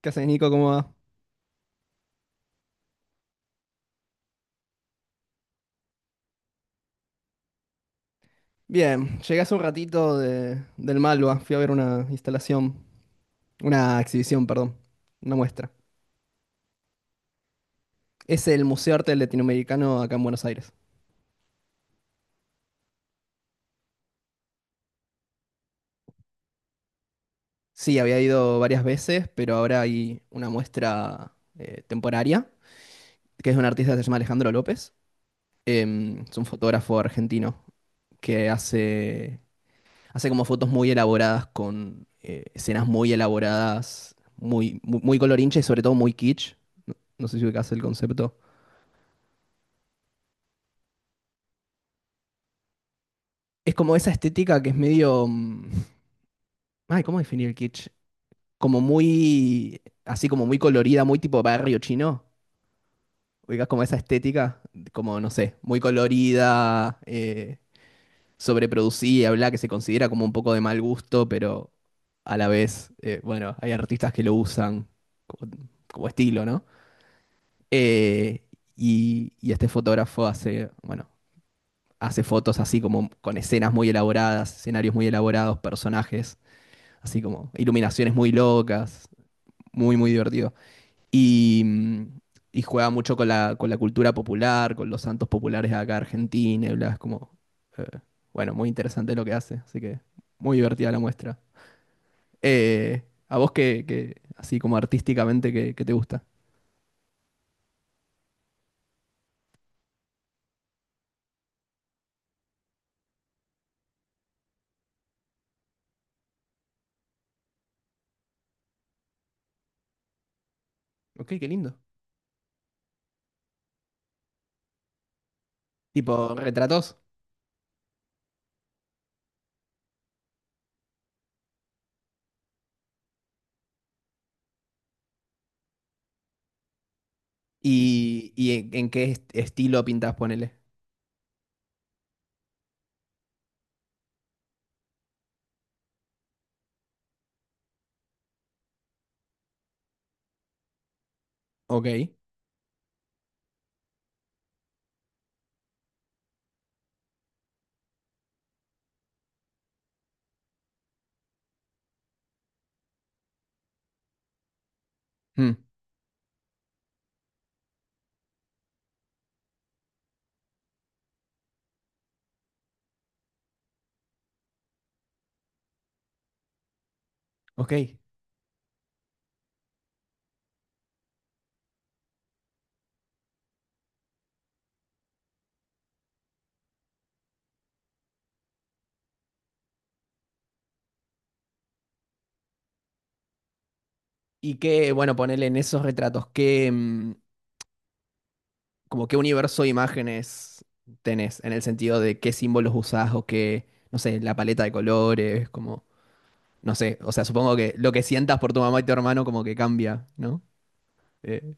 ¿Qué haces, Nico? ¿Cómo va? Bien, llegué hace un ratito del Malva. Fui a ver una instalación, una exhibición, perdón, una muestra. Es el Museo de Arte Latinoamericano acá en Buenos Aires. Sí, había ido varias veces, pero ahora hay una muestra temporaria, que es de un artista que se llama Alejandro López. Es un fotógrafo argentino que hace como fotos muy elaboradas con escenas muy elaboradas, muy, muy, muy colorincha y sobre todo muy kitsch. No, no sé si ubicás el concepto. Es como esa estética que es medio. Ay, ¿cómo definir el kitsch? Como muy. Así como muy colorida, muy tipo barrio chino. Oigas como esa estética, como no sé, muy colorida, sobreproducida, bla, que se considera como un poco de mal gusto, pero a la vez, bueno, hay artistas que lo usan como, como estilo, ¿no? Eh, y este fotógrafo hace, bueno, hace fotos así como con escenas muy elaboradas, escenarios muy elaborados, personajes así como iluminaciones muy locas, muy, muy divertido. Y, mm, y juega mucho con con la cultura popular, con los santos populares de acá de Argentina, y bla, es como, eh, bueno, muy interesante lo que hace, así que muy divertida la muestra. ¿A vos así como artísticamente, qué, qué te gusta? Ok, qué lindo. Tipo, retratos. Y en qué estilo pintas, ponele? Ok. Mm, ok. Y qué, bueno, ponele en esos retratos, ¿qué, como qué universo de imágenes tenés, en el sentido de qué símbolos usás o qué, no sé, la paleta de colores, como, no sé, o sea, supongo que lo que sientas por tu mamá y tu hermano como que cambia, ¿no? Eh,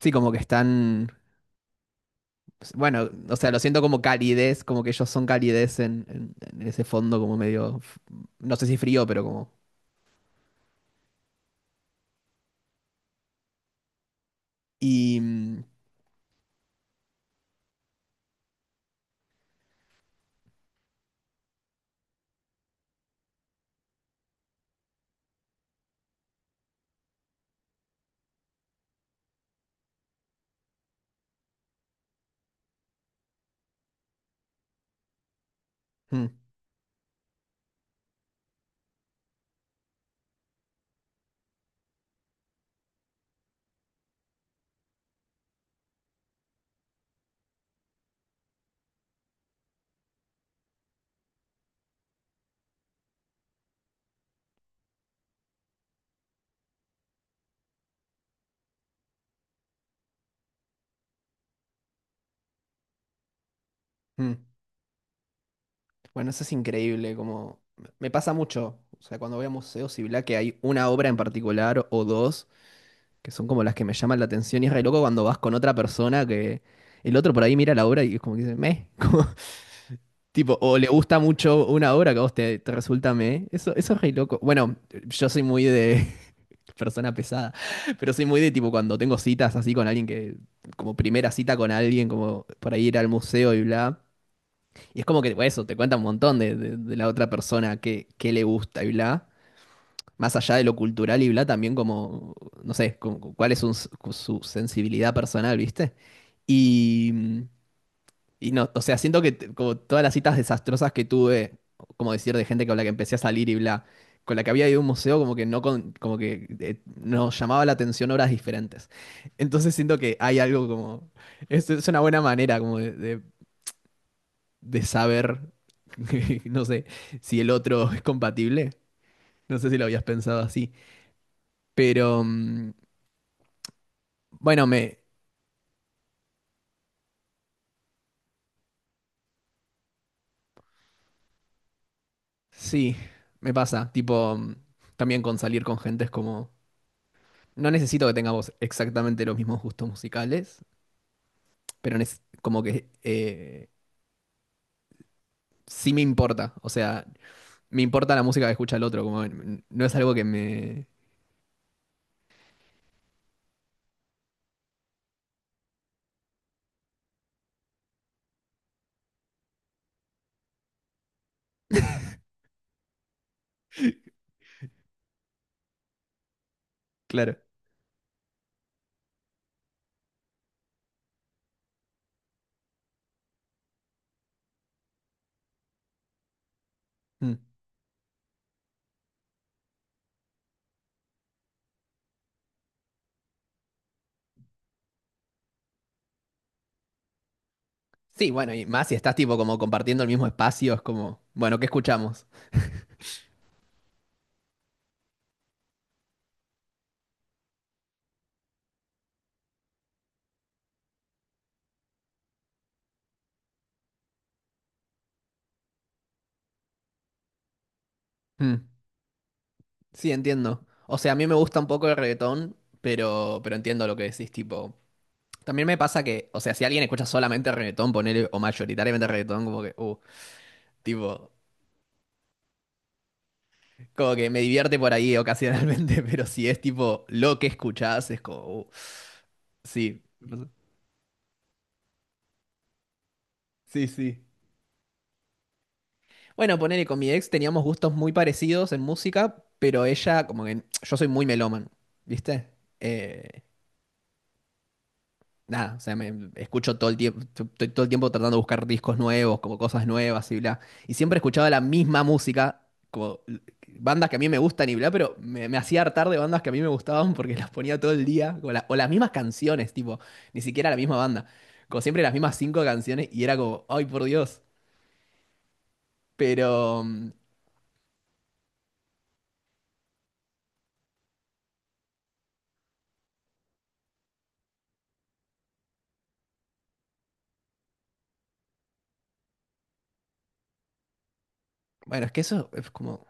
sí, como que están, bueno, o sea, lo siento como calidez, como que ellos son calidez en ese fondo como medio, no sé si frío, pero como... Y... mm, mm, mm. Bueno, eso es increíble, como... Me pasa mucho, o sea, cuando voy a museos y bla, que hay una obra en particular o dos que son como las que me llaman la atención y es re loco cuando vas con otra persona que el otro por ahí mira la obra y es como que dice, meh, como, tipo, o le gusta mucho una obra que a vos te resulta meh, eso es re loco. Bueno, yo soy muy de persona pesada, pero soy muy de tipo cuando tengo citas así con alguien que, como primera cita con alguien, como por ahí ir al museo y bla. Y es como que, bueno, eso, te cuenta un montón de, de la otra persona que le gusta y bla más allá de lo cultural y bla, también como, no sé, ¿cuál es su sensibilidad personal, viste? Y, y no, o sea, siento que como todas las citas desastrosas que tuve, como decir, de gente con la que empecé a salir y bla, con la que había ido a un museo, como que no como que nos llamaba la atención horas diferentes. Entonces siento que hay algo como, es una buena manera como de, de saber, no sé, si el otro es compatible. No sé si lo habías pensado así. Pero, bueno, me. Sí, me pasa. Tipo, también con salir con gente es como. No necesito que tengamos exactamente los mismos gustos musicales, pero como que sí me importa. O sea, me importa la música que escucha el otro. Como, no es algo que me. Claro. Mm. Sí, bueno, y más si estás tipo como compartiendo el mismo espacio, es como, bueno, ¿qué escuchamos? Mm. Sí, entiendo. O sea, a mí me gusta un poco el reggaetón, pero entiendo lo que decís, tipo. También me pasa que, o sea, si alguien escucha solamente reggaetón, ponele, o mayoritariamente reggaetón, como que, tipo, como que me divierte por ahí ocasionalmente, pero si es tipo lo que escuchás, es como, sí. Sí, sí. Bueno, ponele, con mi ex teníamos gustos muy parecidos en música, pero ella, como que, yo soy muy melómano, ¿viste? Eh, nada, o sea, me escucho todo el tiempo, estoy todo el tiempo tratando de buscar discos nuevos, como cosas nuevas y bla. Y siempre escuchaba la misma música, como bandas que a mí me gustan y bla, pero me hacía hartar de bandas que a mí me gustaban porque las ponía todo el día, como o las mismas canciones, tipo, ni siquiera la misma banda. Como siempre las mismas cinco canciones y era como, ay, por Dios. Pero, bueno, es que eso es como,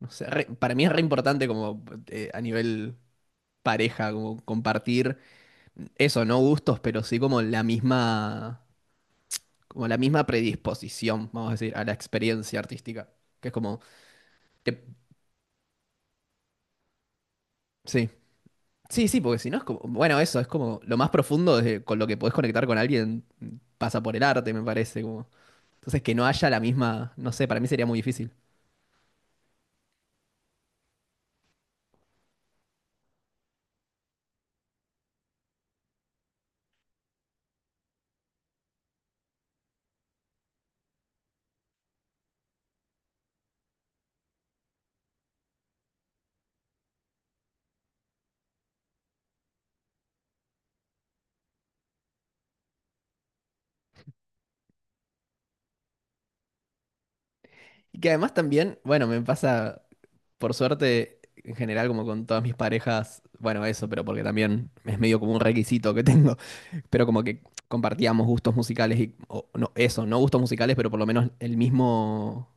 no sé, para mí es re importante como a nivel pareja, como compartir eso, no gustos, pero sí como la misma predisposición, vamos a decir, a la experiencia artística. Que es como, te- sí, sí, sí, porque si no es como, bueno, eso es como lo más profundo con lo que podés conectar con alguien pasa por el arte, me parece. Como. Entonces, que no haya la misma, no sé, para mí sería muy difícil. Y que además también, bueno, me pasa, por suerte, en general, como con todas mis parejas, bueno, eso, pero porque también es medio como un requisito que tengo, pero como que compartíamos gustos musicales y, o no, eso, no gustos musicales, pero por lo menos el mismo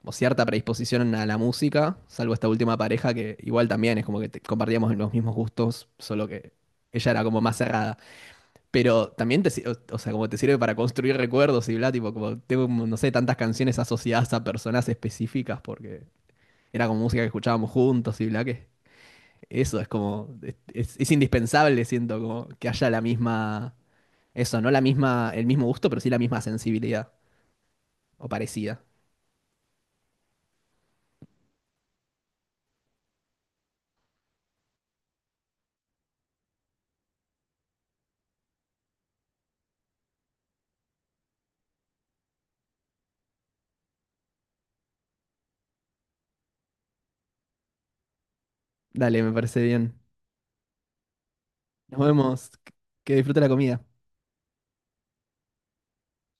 como cierta predisposición a la música, salvo esta última pareja que igual también es como que compartíamos los mismos gustos, solo que ella era como más cerrada. Pero también te, o sea, como te sirve para construir recuerdos y bla, tipo, como tengo, no sé, tantas canciones asociadas a personas específicas porque era como música que escuchábamos juntos y bla, que eso es como, es, es indispensable, siento, como que haya la misma, eso, no la misma, el mismo gusto, pero sí la misma sensibilidad o parecida. Dale, me parece bien. Nos vemos. Que disfrute la comida.